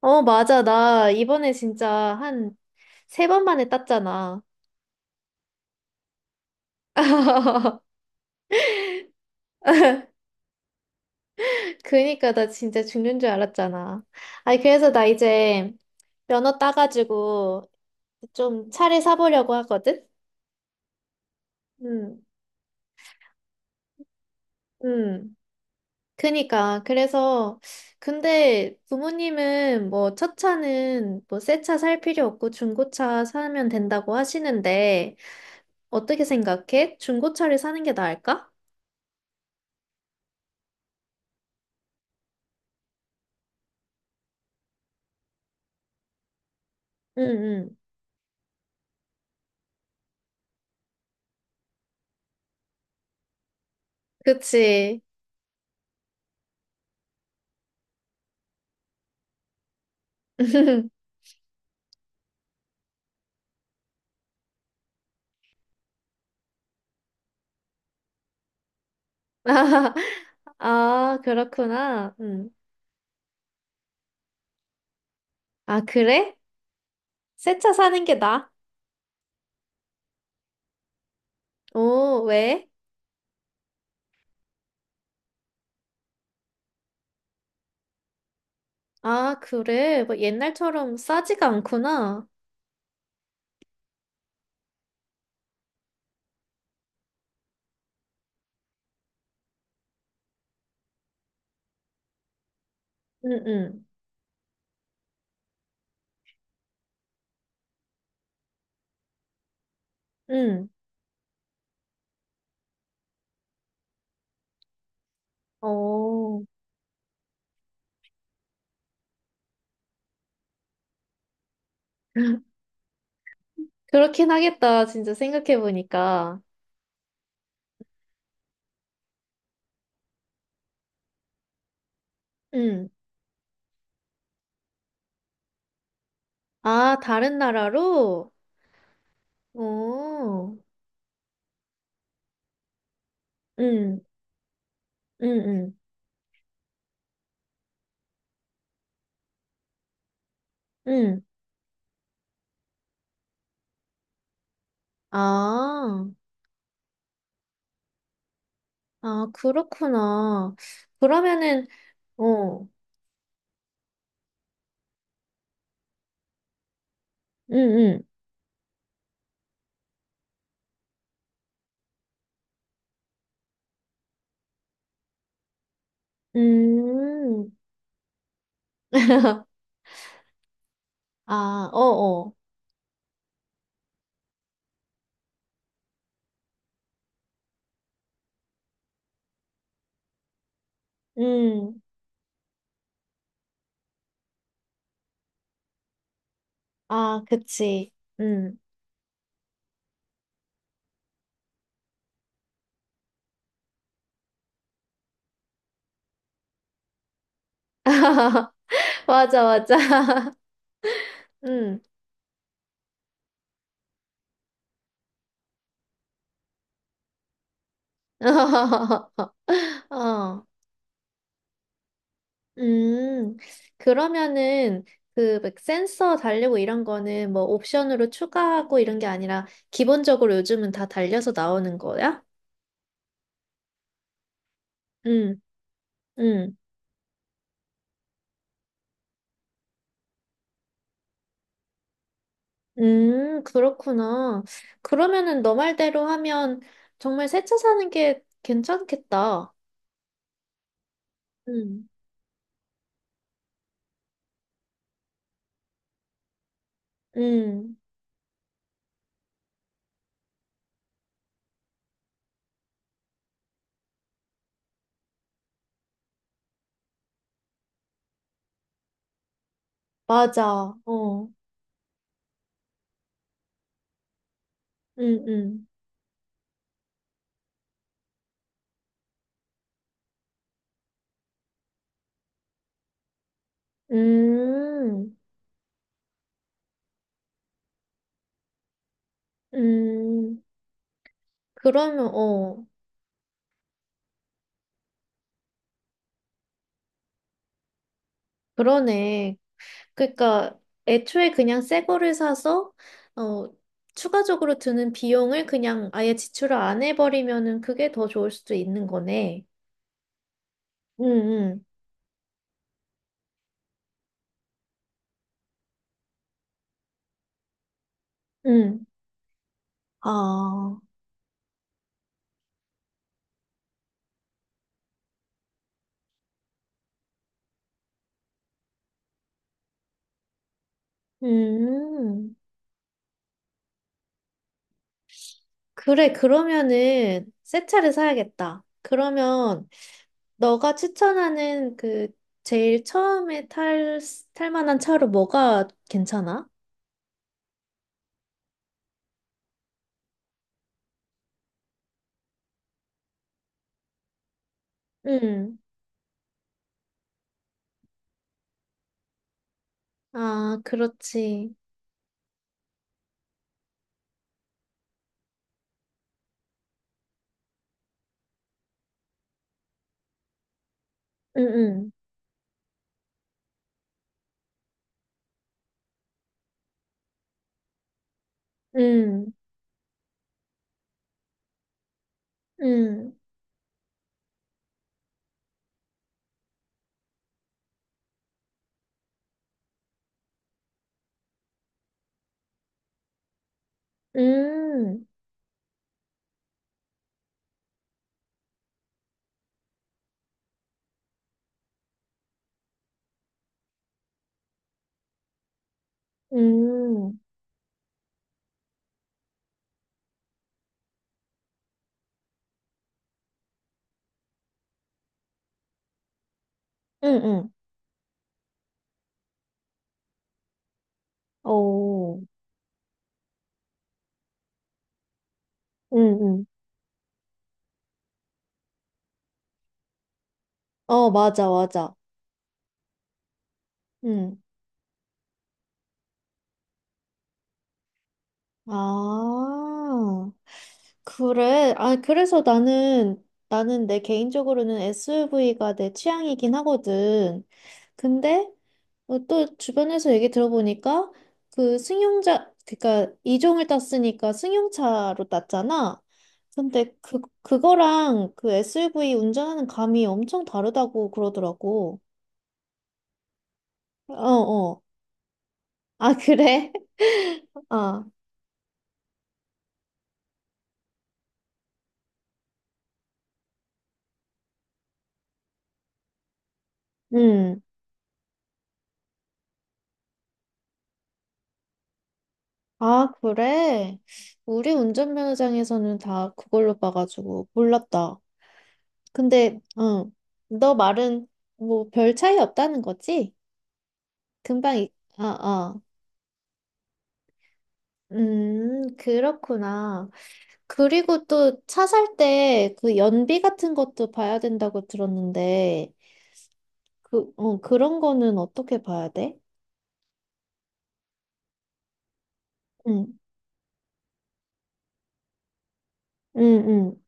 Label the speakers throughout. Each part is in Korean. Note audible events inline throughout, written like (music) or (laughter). Speaker 1: 어, 맞아. 나 이번에 진짜 한 3번 만에 땄잖아. (laughs) 그니까 나 진짜 죽는 줄 알았잖아. 아니, 그래서 나 이제 면허 따가지고 좀 차를 사보려고 하거든? 음, 음. 그니까. 그래서, 근데 부모님은 뭐 첫 차는 뭐 새 차 살 필요 없고 중고차 사면 된다고 하시는데, 어떻게 생각해? 중고차를 사는 게 나을까? 응, 응. 그치. (laughs) (laughs) 아, 그렇구나. 음. 아, 그래? 새 차 사는 게 나아? 오, 왜? 아, 그래. 뭐 옛날처럼 싸지가 않구나. 응, 응, 응. 어. (laughs) 그렇긴 하겠다. 진짜 생각해보니까. 응. 아, 다른 나라로? 오. 응, 응, 응, 응. 아, 아, 그렇구나. 그러면은, 어, 응, 응. (laughs) 아, 어어. 음. 아, 그치. 음. (laughs) 맞아, 맞아. (laughs) 음. (laughs) 어. 음. 그러면은 그 막 센서 달리고 이런 거는 뭐 옵션으로 추가하고 이런 게 아니라 기본적으로 요즘은 다 달려서 나오는 거야? 음. 음. 그렇구나. 그러면은 너 말대로 하면 정말 새 차 사는 게 괜찮겠다. 음. 음. 맞아. 어. 응응, 음. 음. 그러면 어. 그러네. 그러니까 애초에 그냥 새 거를 사서 어 추가적으로 드는 비용을 그냥 아예 지출을 안 해버리면은 그게 더 좋을 수도 있는 거네. 응응, 응. 응. 아. 음. 그래. 그러면은 새 차를 사야겠다. 그러면 너가 추천하는 그 제일 처음에 탈, 탈 만한 차로 뭐가 괜찮아? 응. 아, 그렇지. 응, 응, 응, 응, 응, 응, 응, 응. 오, 응, 응. 어, 맞아, 맞아. 응. 아, 그래. 아, 그래서 나는, 나는 내 개인적으로는 SUV가 내 취향이긴 하거든. 근데 어, 또 주변에서 얘기 들어보니까 그러니까 이종을 땄으니까 승용차로 땄잖아. 근데 그 그거랑 그 SUV 운전하는 감이 엄청 다르다고 그러더라고. 어, 어. 아, 그래? (laughs) 아 음. 아, 그래? 우리 운전면허장에서는 다 그걸로 봐가지고 몰랐다. 근데 응. 너 말은 뭐 별 차이 없다는 거지? 금방 이- 아 아. 그렇구나. 그리고 또 차 살 때 그 연비 같은 것도 봐야 된다고 들었는데, 그, 어, 그런 거는 어떻게 봐야 돼? 응, 응, 응.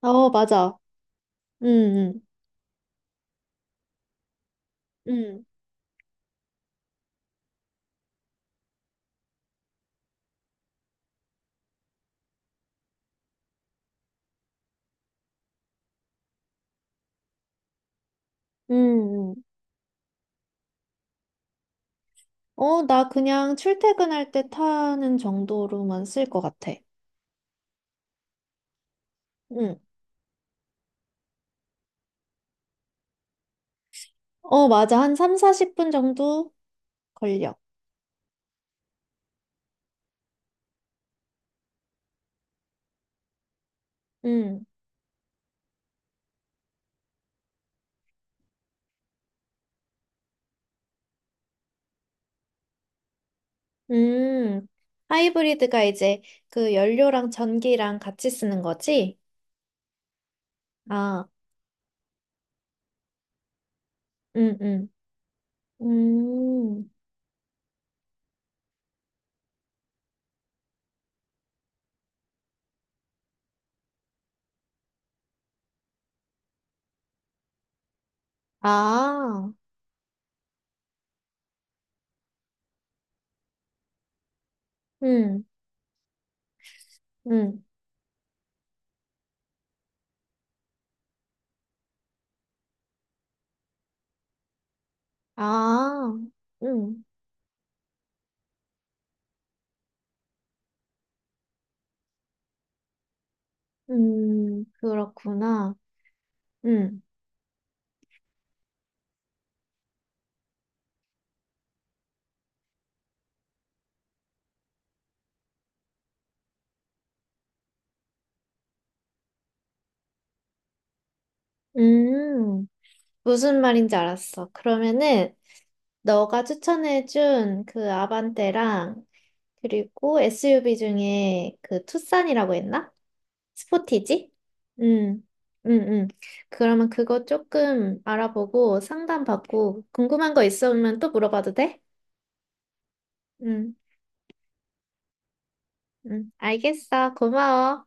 Speaker 1: 어, 맞아. 응, 응, 응, 응, 응. 어, 나 그냥 출퇴근할 때 타는 정도로만 쓸 것 같아. 응. 어, 맞아. 한 3, 40분 정도 걸려. 응, 음. 하이브리드가 이제 그 연료랑 전기랑 같이 쓰는 거지? 아, 응, 응, 음, 아, 응, 응, 아, 응, 그렇구나. 응, 음, 무슨 말인지 알았어. 그러면은, 너가 추천해준 그 아반떼랑, 그리고 SUV 중에 그 투싼이라고 했나? 스포티지? 응, 응, 응. 그러면 그거 조금 알아보고 상담받고, 궁금한 거 있으면 또 물어봐도 돼? 응. 응, 알겠어. 고마워.